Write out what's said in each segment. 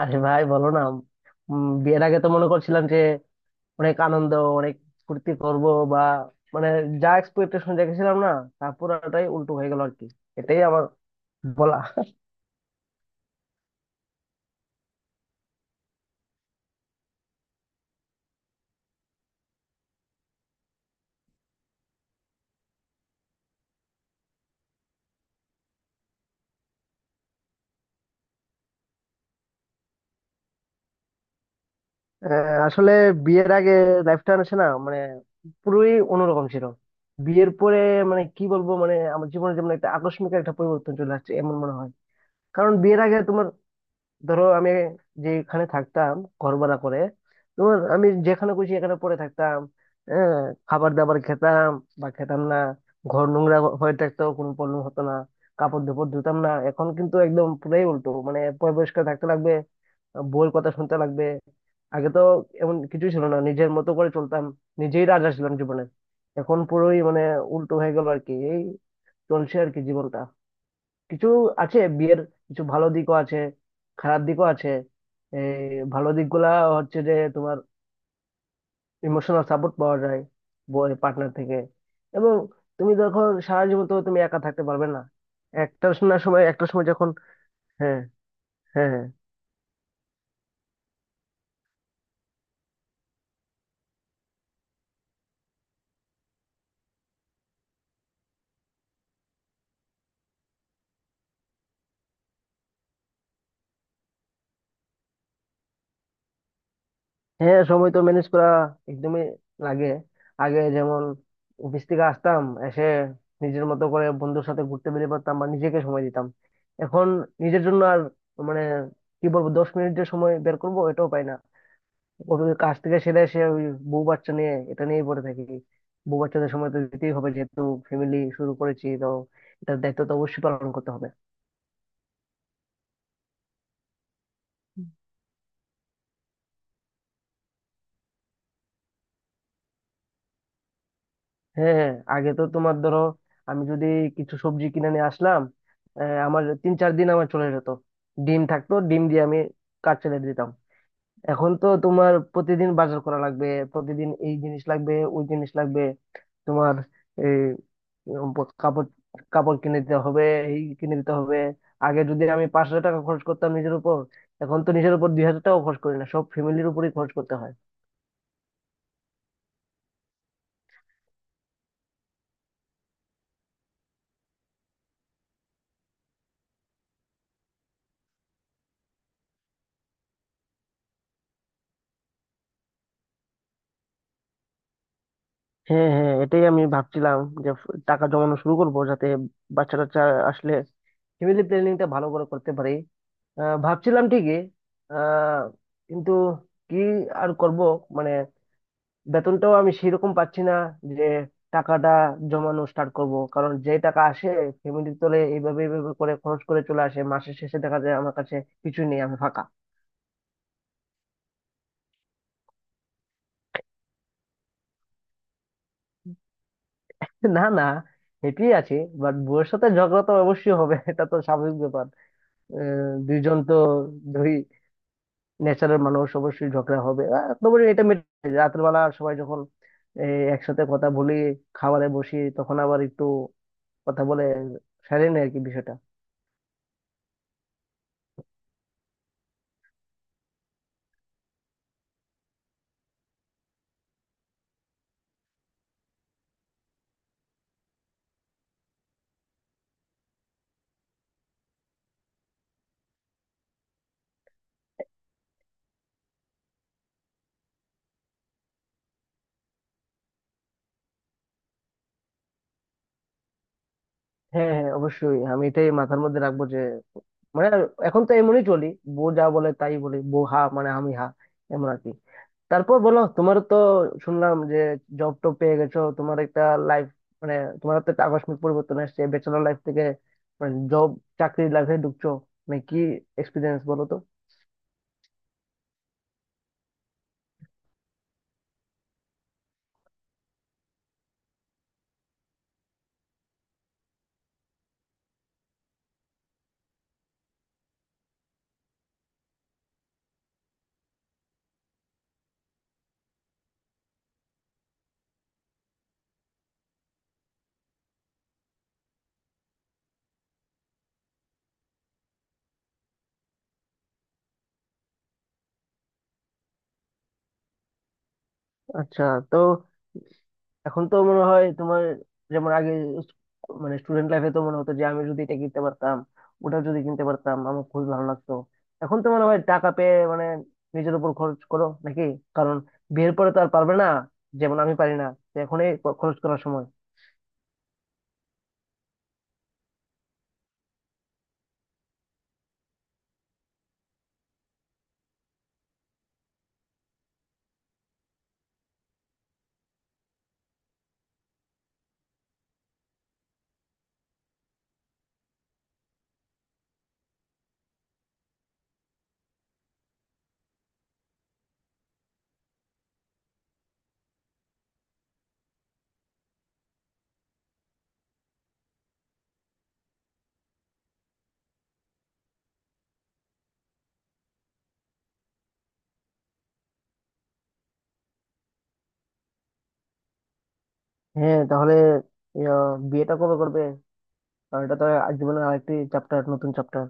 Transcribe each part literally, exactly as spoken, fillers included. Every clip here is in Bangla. আরে ভাই বলো না। উম, বিয়ের আগে তো মনে করছিলাম যে অনেক আনন্দ, অনেক ফুর্তি করব বা মানে যা এক্সপেকটেশন রেখেছিলাম না, তা পুরাটাই উল্টো হয়ে গেল আর কি। এটাই আমার বলা। আহ, আসলে বিয়ের আগে লাইফটা আছে না, মানে পুরোই অন্যরকম ছিল। বিয়ের পরে মানে কি বলবো, মানে আমার জীবনে যেমন একটা আকস্মিক একটা পরিবর্তন চলে আসছে এমন মনে হয়। কারণ বিয়ের আগে তোমার ধরো আমি যেখানে থাকতাম, ঘর ভাড়া করে তোমার, আমি যেখানে খুশি এখানে পড়ে থাকতাম, হ্যাঁ, খাবার দাবার খেতাম বা খেতাম না, ঘর নোংরা হয়ে থাকতো, কোনো প্রবলেম হতো না, কাপড় ধোপড় ধুতাম না। এখন কিন্তু একদম পুরাই উল্টো, মানে পরিষ্কার থাকতে লাগবে, বউয়ের কথা শুনতে লাগবে। আগে তো এমন কিছুই ছিল না, নিজের মতো করে চলতাম, নিজেই রাজা ছিলাম জীবনে। এখন পুরোই মানে উল্টো হয়ে গেল আর কি, এই চলছে আর কি জীবনটা। কিছু আছে বিয়ের, কিছু ভালো দিকও আছে, খারাপ দিকও আছে। এই ভালো দিকগুলা হচ্ছে যে তোমার ইমোশনাল সাপোর্ট পাওয়া যায় পার্টনার থেকে, এবং তুমি যখন সারা জীবন তো তুমি একা থাকতে পারবে না, একটা না সময়, একটা সময় যখন। হ্যাঁ হ্যাঁ হ্যাঁ। হ্যাঁ, সময় তো ম্যানেজ করা একদমই লাগে। আগে যেমন অফিস থেকে আসতাম, এসে নিজের মতো করে বন্ধুর সাথে ঘুরতে বেরিয়ে পড়তাম বা নিজেকে সময় দিতাম। এখন নিজের জন্য আর মানে কি বলবো, দশ মিনিটের সময় বের করবো এটাও পাই না। ওই কাজ থেকে সেরে এসে ওই বউ বাচ্চা নিয়ে এটা নিয়েই পড়ে থাকি। বউ বাচ্চাদের সময় তো দিতেই হবে, যেহেতু ফ্যামিলি শুরু করেছি তো, এটার দায়িত্ব তো অবশ্যই পালন করতে হবে। হ্যাঁ হ্যাঁ, আগে তো তোমার ধরো আমি যদি কিছু সবজি কিনে নিয়ে আসলাম, আহ, আমার তিন চার দিন আমার চলে যেত, ডিম থাকতো, ডিম দিয়ে আমি কাজ চালিয়ে দিতাম। এখন তো তোমার প্রতিদিন বাজার করা লাগবে, প্রতিদিন এই জিনিস লাগবে, ওই জিনিস লাগবে, তোমার এই উম, প- কাপড়, কাপড় কিনে দিতে হবে, এই কিনে দিতে হবে। আগে যদি আমি পাঁচ হাজার টাকা খরচ করতাম নিজের উপর, এখন তো নিজের উপর দুই হাজার টাকা খরচ করি না, সব ফ্যামিলির উপরেই খরচ করতে হয়। হ্যাঁ হ্যাঁ, এটাই আমি ভাবছিলাম যে ফ- টাকা জমানো শুরু করব, যাতে বাচ্চা টাচ্চা আসলে ফ্যামিলি প্ল্যানিংটা ভালো করে করতে পারি। আহ, ভাবছিলাম ঠিকই, আহ, কিন্তু কি আর করব, মানে বেতনটাও আমি সেরকম পাচ্ছি না যে টাকাটা জমানো স্টার্ট করব, কারণ যে টাকা আসে ফ্যামিলির তলে এইভাবে এইভাবে করে খরচ করে চলে আসে, মাসের শেষে দেখা যায় আমার কাছে কিছুই নেই, আমি ফাঁকা। না না, হেঁটেই আছি। বাট বউয়ের সাথে ঝগড়া তো অবশ্যই হবে, এটা তো স্বাভাবিক ব্যাপার। আহ, দুইজন তো ধরি ন্যাচারাল মানুষ, অবশ্যই ঝগড়া হবে। আহ, তারপরে এটা মেটে যায়। রাতের বেলা সবাই যখন এই, একসাথে কথা বলি, খাবারে বসি, তখন আবার একটু কথা বলে সারিয়ে নেয় আর কি বিষয়টা। হ্যাঁ হ্যাঁ, অবশ্যই আমি এটাই মাথার মধ্যে রাখবো যে মানে এখন তো এমনই চলি, বউ যা বলে তাই বলি, বউ হা মানে আমি হা, এমন আর কি। তারপর বলো, তোমার তো শুনলাম যে জব টব পেয়ে গেছো, তোমার একটা লাইফ মানে তোমার তো একটা আকস্মিক পরিবর্তন আসছে, ব্যাচেলর লাইফ থেকে মানে জব, চাকরির লাইফে ঢুকছো, মানে কি এক্সপিরিয়েন্স বলো তো। আচ্ছা, তো এখন তো মনে হয় তোমার যেমন আগে স- মানে স্টুডেন্ট লাইফে তো মনে হতো যে আমি যদি এটা কিনতে পারতাম, ওটা যদি কিনতে পারতাম আমার খুবই ভালো লাগতো। এখন তো মনে হয় টাকা পেয়ে মানে নিজের উপর খরচ করো নাকি? কারণ বিয়ের পরে তো আর পারবে না, যেমন আমি পারি না, তো এখনই খ- খরচ করার সময়। হ্যাঁ তাহলে, ইয়া, বিয়েটা কবে করবে? কারণ এটা তো আর জীবনের আরেকটি চ্যাপ্টার, নতুন চ্যাপ্টার।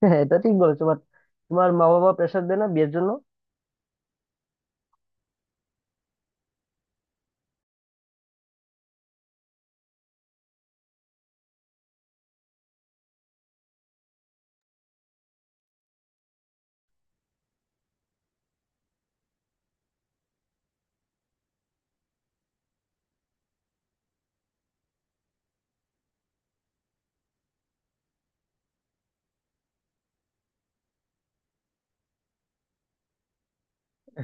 হ্যাঁ হ্যাঁ, এটা ঠিক বলেছো, বাট তোমার মা বাবা প্রেশার দেয় না বিয়ের জন্য?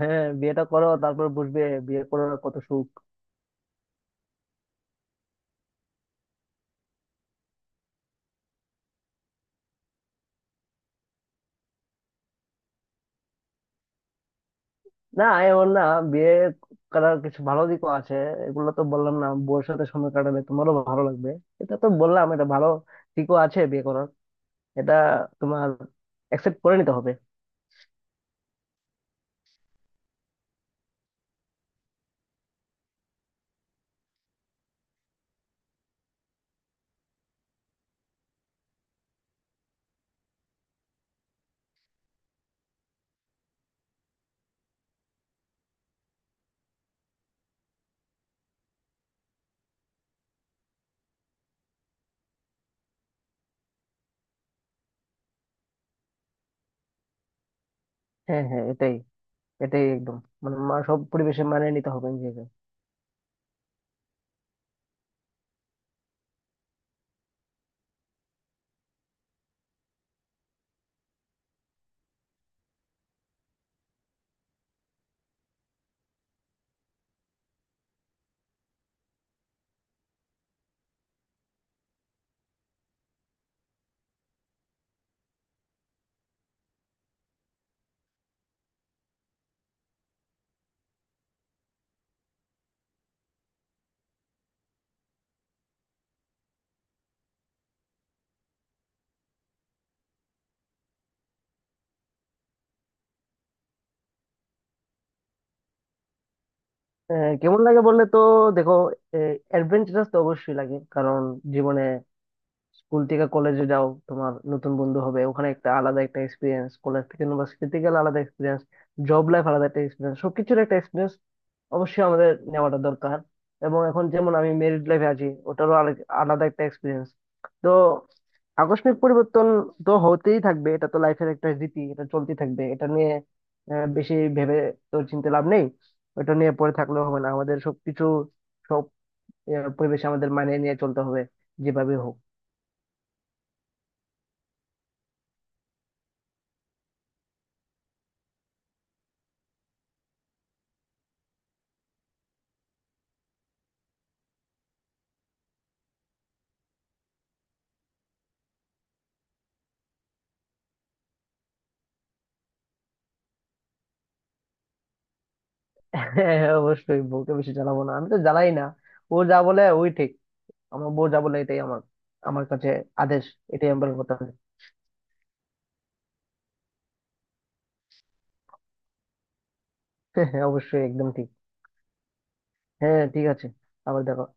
হ্যাঁ, বিয়েটা করো, তারপর বুঝবে বিয়ের পর কত সুখ। না আমি বললাম, বিয়ে করার কিছু ভালো দিকও আছে, এগুলো তো বললাম না, বউয়ের সাথে সময় কাটালে তোমারও ভালো লাগবে, এটা তো বললাম, এটা ভালো দিকও আছে বিয়ে করার, এটা তোমার অ্যাকসেপ্ট করে নিতে হবে। হ্যাঁ হ্যাঁ, এটাই, এটাই একদম মানে মা- সব পরিবেশে মানিয়ে নিতে হবে নিজেকে। আহ, কেমন লাগে বললে তো দেখো, অ্যাডভেঞ্চারাস তো অবশ্যই লাগে, কারণ জীবনে স্কুল থেকে কলেজে যাও, তোমার নতুন বন্ধু হবে ওখানে, একটা আলাদা একটা এক্সপিরিয়েন্স, কলেজ থেকে ইউনিভার্সিটিতে গেলে আলাদা এক্সপিরিয়েন্স, জব লাইফ আলাদা একটা এক্সপিরিয়েন্স, সবকিছুর একটা এক্সপিরিয়েন্স অবশ্যই আমাদের নেওয়াটা দরকার। এবং এখন যেমন আমি মেরিড লাইফে আছি, ওটারও আলে- আলাদা একটা এক্সপিরিয়েন্স। তো আকস্মিক পরিবর্তন তো হতেই থাকবে, এটা তো লাইফের একটা রীতি, এটা চলতেই থাকবে, এটা নিয়ে আহ, বেশি ভেবে তো চিন্তা লাভ নেই। ওটা নিয়ে পড়ে থাকলেও হবে না, আমাদের সবকিছু, সব আহ, পরিবেশে আমাদের মানিয়ে নিয়ে চলতে হবে যেভাবে হোক। হ্যাঁ হ্যাঁ, অবশ্যই বউকে বেশি জ্বালাবো না, আমি তো জ্বালাই না, ও যা বলে ওই ঠিক, আমার বউ যা বলে এটাই আমার, আমার কাছে আদেশ, এটাই আমার কথা। হ্যাঁ হ্যাঁ, অবশ্যই একদম ঠিক। হ্যাঁ, ঠিক আছে, আবার দেখো।